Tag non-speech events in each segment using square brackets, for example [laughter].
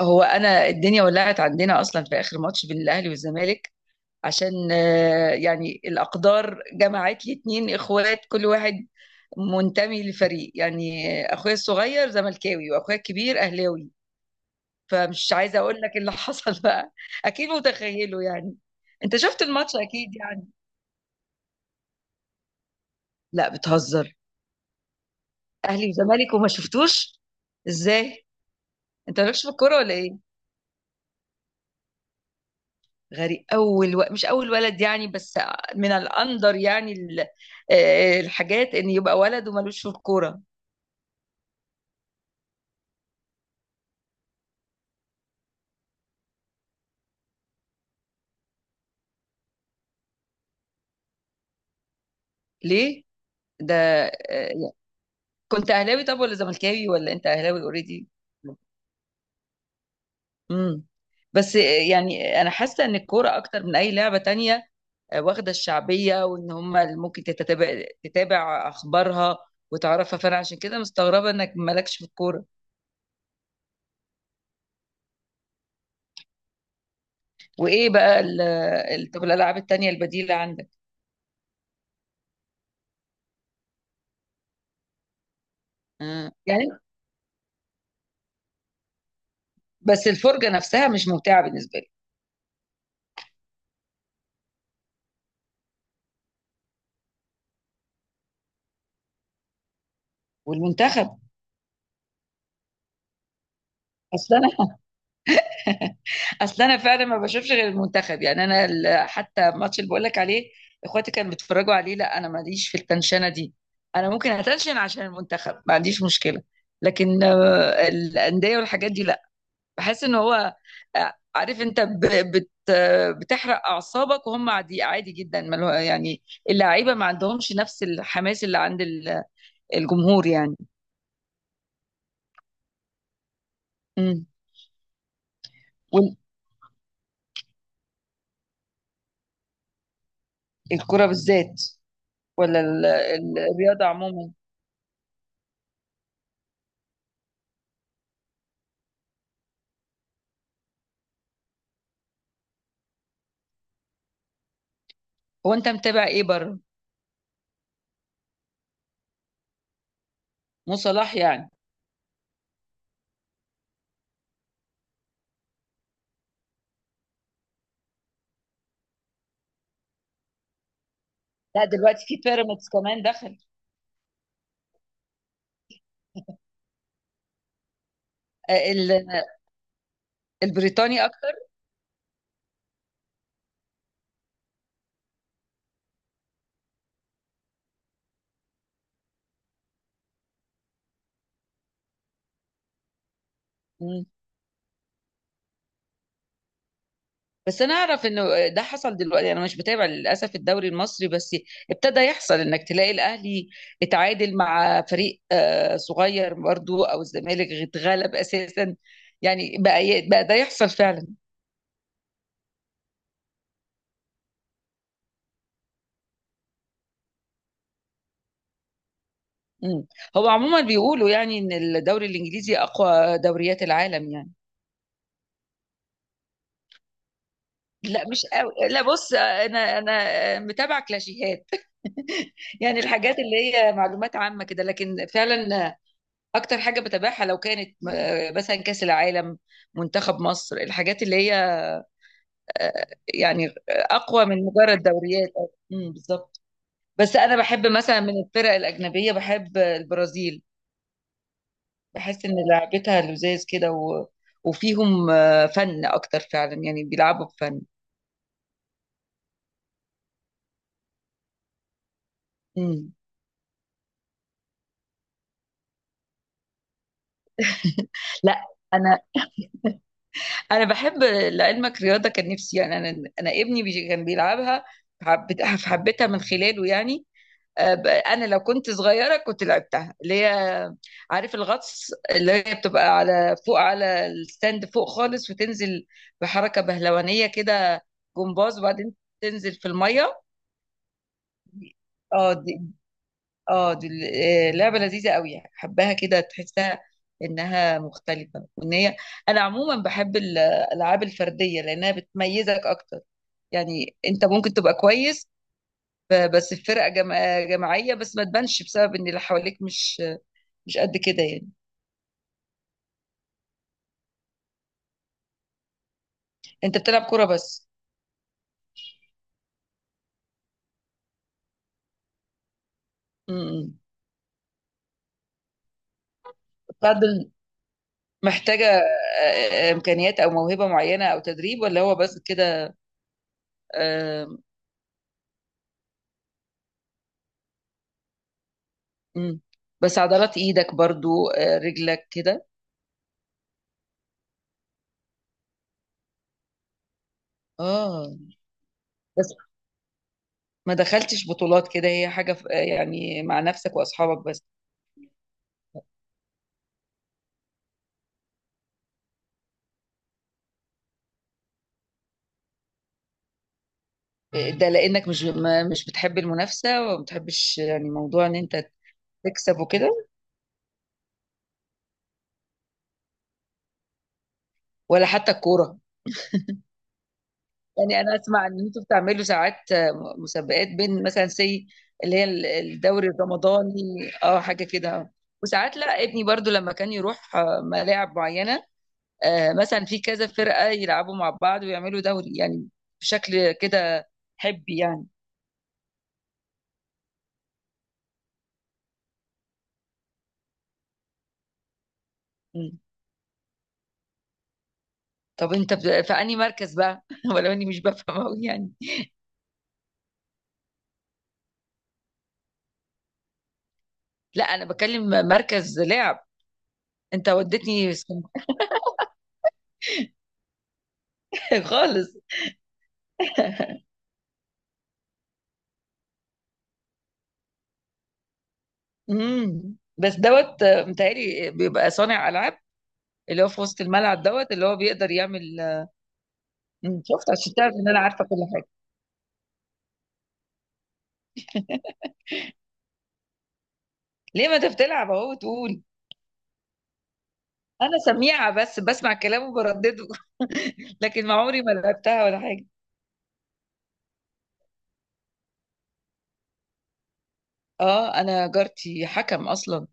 هو انا الدنيا ولعت عندنا اصلا في اخر ماتش بين الاهلي والزمالك، عشان يعني الاقدار جمعت لي اتنين اخوات، كل واحد منتمي لفريق يعني. اخويا الصغير زملكاوي واخويا الكبير اهلاوي. فمش عايزه اقول لك اللي [laughs] حصل بقى. اكيد متخيله يعني. انت شفت الماتش اكيد يعني؟ لا، بتهزر! اهلي وزمالك وما شفتوش؟ ازاي؟ انت مالكش في الكوره ولا ايه؟ غريب. مش اول ولد يعني، بس من الاندر يعني ال... آه، الحاجات، ان يبقى ولد ومالوش في الكوره. ليه؟ ده آه، كنت اهلاوي طب، ولا زملكاوي، ولا انت اهلاوي اوريدي؟ امم بس يعني انا حاسه ان الكوره اكتر من اي لعبه تانية. واخده الشعبيه، وان هم اللي ممكن تتابع اخبارها وتعرفها، فانا عشان كده مستغربه انك مالكش في الكوره. وايه بقى طب الالعاب التانية البديله عندك؟ آه. يعني بس الفرجة نفسها مش ممتعة بالنسبة لي. والمنتخب؟ اصل انا [laughs] اصل انا فعلا ما بشوفش غير المنتخب يعني. انا حتى الماتش اللي بقول لك عليه اخواتي كانوا بيتفرجوا عليه، لا انا ماليش في التنشنة دي. انا ممكن اتنشن عشان المنتخب، ما عنديش مشكلة، لكن الأندية والحاجات دي لا. بحس ان هو عارف انت ب- بت بتحرق اعصابك، وهم عادي عادي جدا يعني. اللعيبة ما عندهمش نفس الحماس اللي عند الجمهور يعني. مم. الكرة بالذات، ولا الرياضة عموما؟ هو انت متابع ايه بره؟ مو صلاح يعني؟ لا، دلوقتي في بيراميدز كمان دخل. آه، ال- البريطاني اكتر. مم. بس انا اعرف انه ده حصل دلوقتي، انا مش بتابع للاسف الدوري المصري. بس ابتدى يحصل انك تلاقي الاهلي اتعادل مع فريق صغير برضو، او الزمالك اتغلب اساسا. يعني بقى ده يحصل فعلا. مم. هو عموما بيقولوا يعني ان الدوري الانجليزي اقوى دوريات العالم يعني. لا مش قوي. لا، بص، انا متابعه كلاشيهات [laughs] يعني الحاجات اللي هي معلومات عامه كده، لكن فعلا اكتر حاجه بتابعها لو كانت مثلا كاس العالم، منتخب مصر، الحاجات اللي هي آه، يعني اقوى من مجرد دوريات. بالظبط. بس انا بحب مثلا من الفرق الاجنبيه بحب البرازيل. بحس ان لعبتها لذاذ كده، و... وفيهم فن اكتر فعلا، يعني بيلعبوا بفن. امم لا، انا بحب لعلمك رياضه، كان نفسي يعني انا. انا ابني كان بيلعبها، حبيتها من خلاله يعني. انا لو كنت صغيره كنت لعبتها، اللي هي عارف الغطس، اللي هي بتبقى على فوق على الستاند فوق خالص، وتنزل بحركه بهلوانيه كده، جمباز، وبعدين تنزل في الميه. اه دي اه دي لعبه لذيذه قوي. حباها كده، تحسها انها مختلفه. وان هي، انا عموما بحب الالعاب الفرديه لانها بتميزك اكتر. يعني انت ممكن تبقى كويس بس في فرقه جماعيه، بس ما تبانش بسبب ان اللي حواليك مش قد كده يعني. انت بتلعب كوره بس؟ امم البادل محتاجه امكانيات او موهبه معينه او تدريب، ولا هو بس كده؟ آه، مم. بس عضلات ايدك برضو، رجلك كده. اه، بس ما دخلتش بطولات كده، هي حاجه يعني مع نفسك واصحابك بس؟ ده لانك مش مش بتحب المنافسه، وما بتحبش يعني موضوع ان انت تكسب وكده؟ ولا حتى الكوره؟ يعني انا اسمع ان انتوا بتعملوا ساعات مسابقات بين، مثلا، اللي هي الدوري الرمضاني، اه، حاجه كده. وساعات، لا، ابني برضو لما كان يروح ملاعب معينه، مثلا في كذا فرقه يلعبوا مع بعض ويعملوا دوري يعني، بشكل كده حبي يعني. مم. طب انت في انهي مركز بقى [laughs] ولو اني مش بفهم أوي يعني؟ لا انا بكلم مركز لعب. انت وديتني [laughs] خالص. بس دوت، متهيألي بيبقى صانع العاب، اللي هو في وسط الملعب، دوت اللي هو بيقدر يعمل شفت، عشان تعرف ان انا عارفه كل حاجه. ليه، ما انت بتلعب اهو وتقول؟ انا سميعه، بس بسمع كلامه وبردده [laughs] لكن ما عمري ما لعبتها ولا حاجه. اه، انا جارتي حكم اصلا.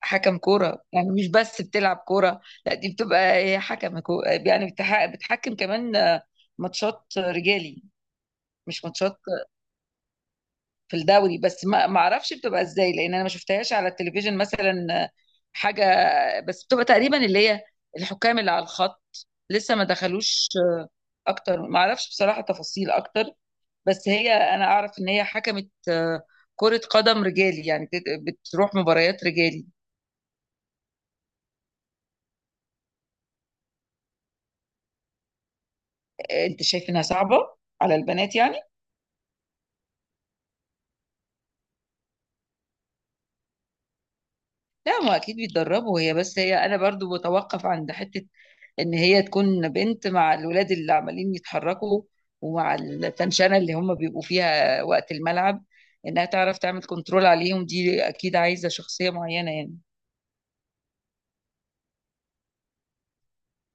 حكم كوره يعني، مش بس بتلعب كوره، لا، دي بتبقى إيه، حكم يعني بتحكم كمان ماتشات رجالي. مش ماتشات، في الدوري. بس ما ما اعرفش بتبقى ازاي، لان انا ما شفتهاش على التلفزيون مثلا حاجه. بس بتبقى تقريبا اللي هي الحكام اللي على الخط، لسه ما دخلوش اكتر. ما اعرفش بصراحه تفاصيل اكتر، بس هي، انا اعرف ان هي حكمت كره قدم رجالي يعني، بتروح مباريات رجالي. انت شايف انها صعبه على البنات يعني؟ لا، ما اكيد بيتدربوا. هي، بس هي، انا برضو بتوقف عند حته، ان هي تكون بنت مع الولاد اللي عمالين يتحركوا، ومع التنشنه اللي هم بيبقوا فيها وقت الملعب، انها تعرف تعمل كنترول عليهم، دي اكيد عايزه شخصيه معينه يعني.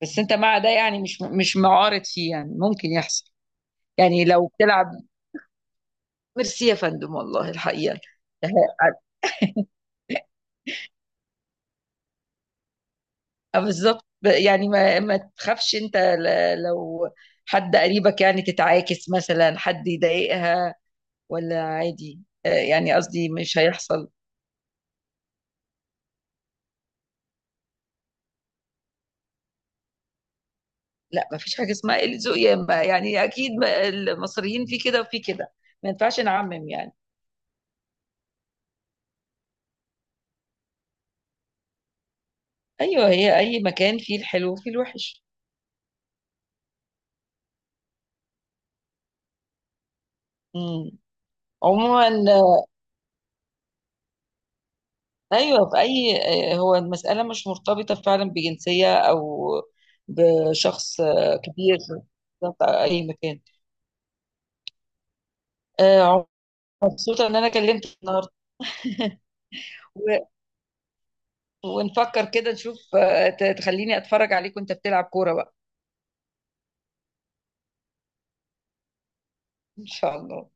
بس انت مع ده يعني، مش معارض فيه، يعني ممكن يحصل يعني لو بتلعب؟ ميرسي يا فندم، والله الحقيقه [laughs] اه بالظبط. يعني ما ما تخافش انت لو حد قريبك يعني تتعاكس مثلا، حد يضايقها، ولا عادي؟ اه، يعني قصدي مش هيحصل. لا، ما فيش حاجة اسمها قلة ذوق يا اما، يعني اكيد المصريين في كده وفي كده، ما ينفعش نعمم يعني. ايوه، هي اي مكان فيه الحلو وفيه الوحش. امم عموما، ايوه، في اي هو المسألة مش مرتبطة فعلا بجنسية، او بشخص كبير. بالظبط، أو اي مكان. آه، مبسوطة ان انا كلمت النهارده. و- ونفكر كده، نشوف تخليني اتفرج عليك وانت بتلعب كورة بقى. ان شاء الله.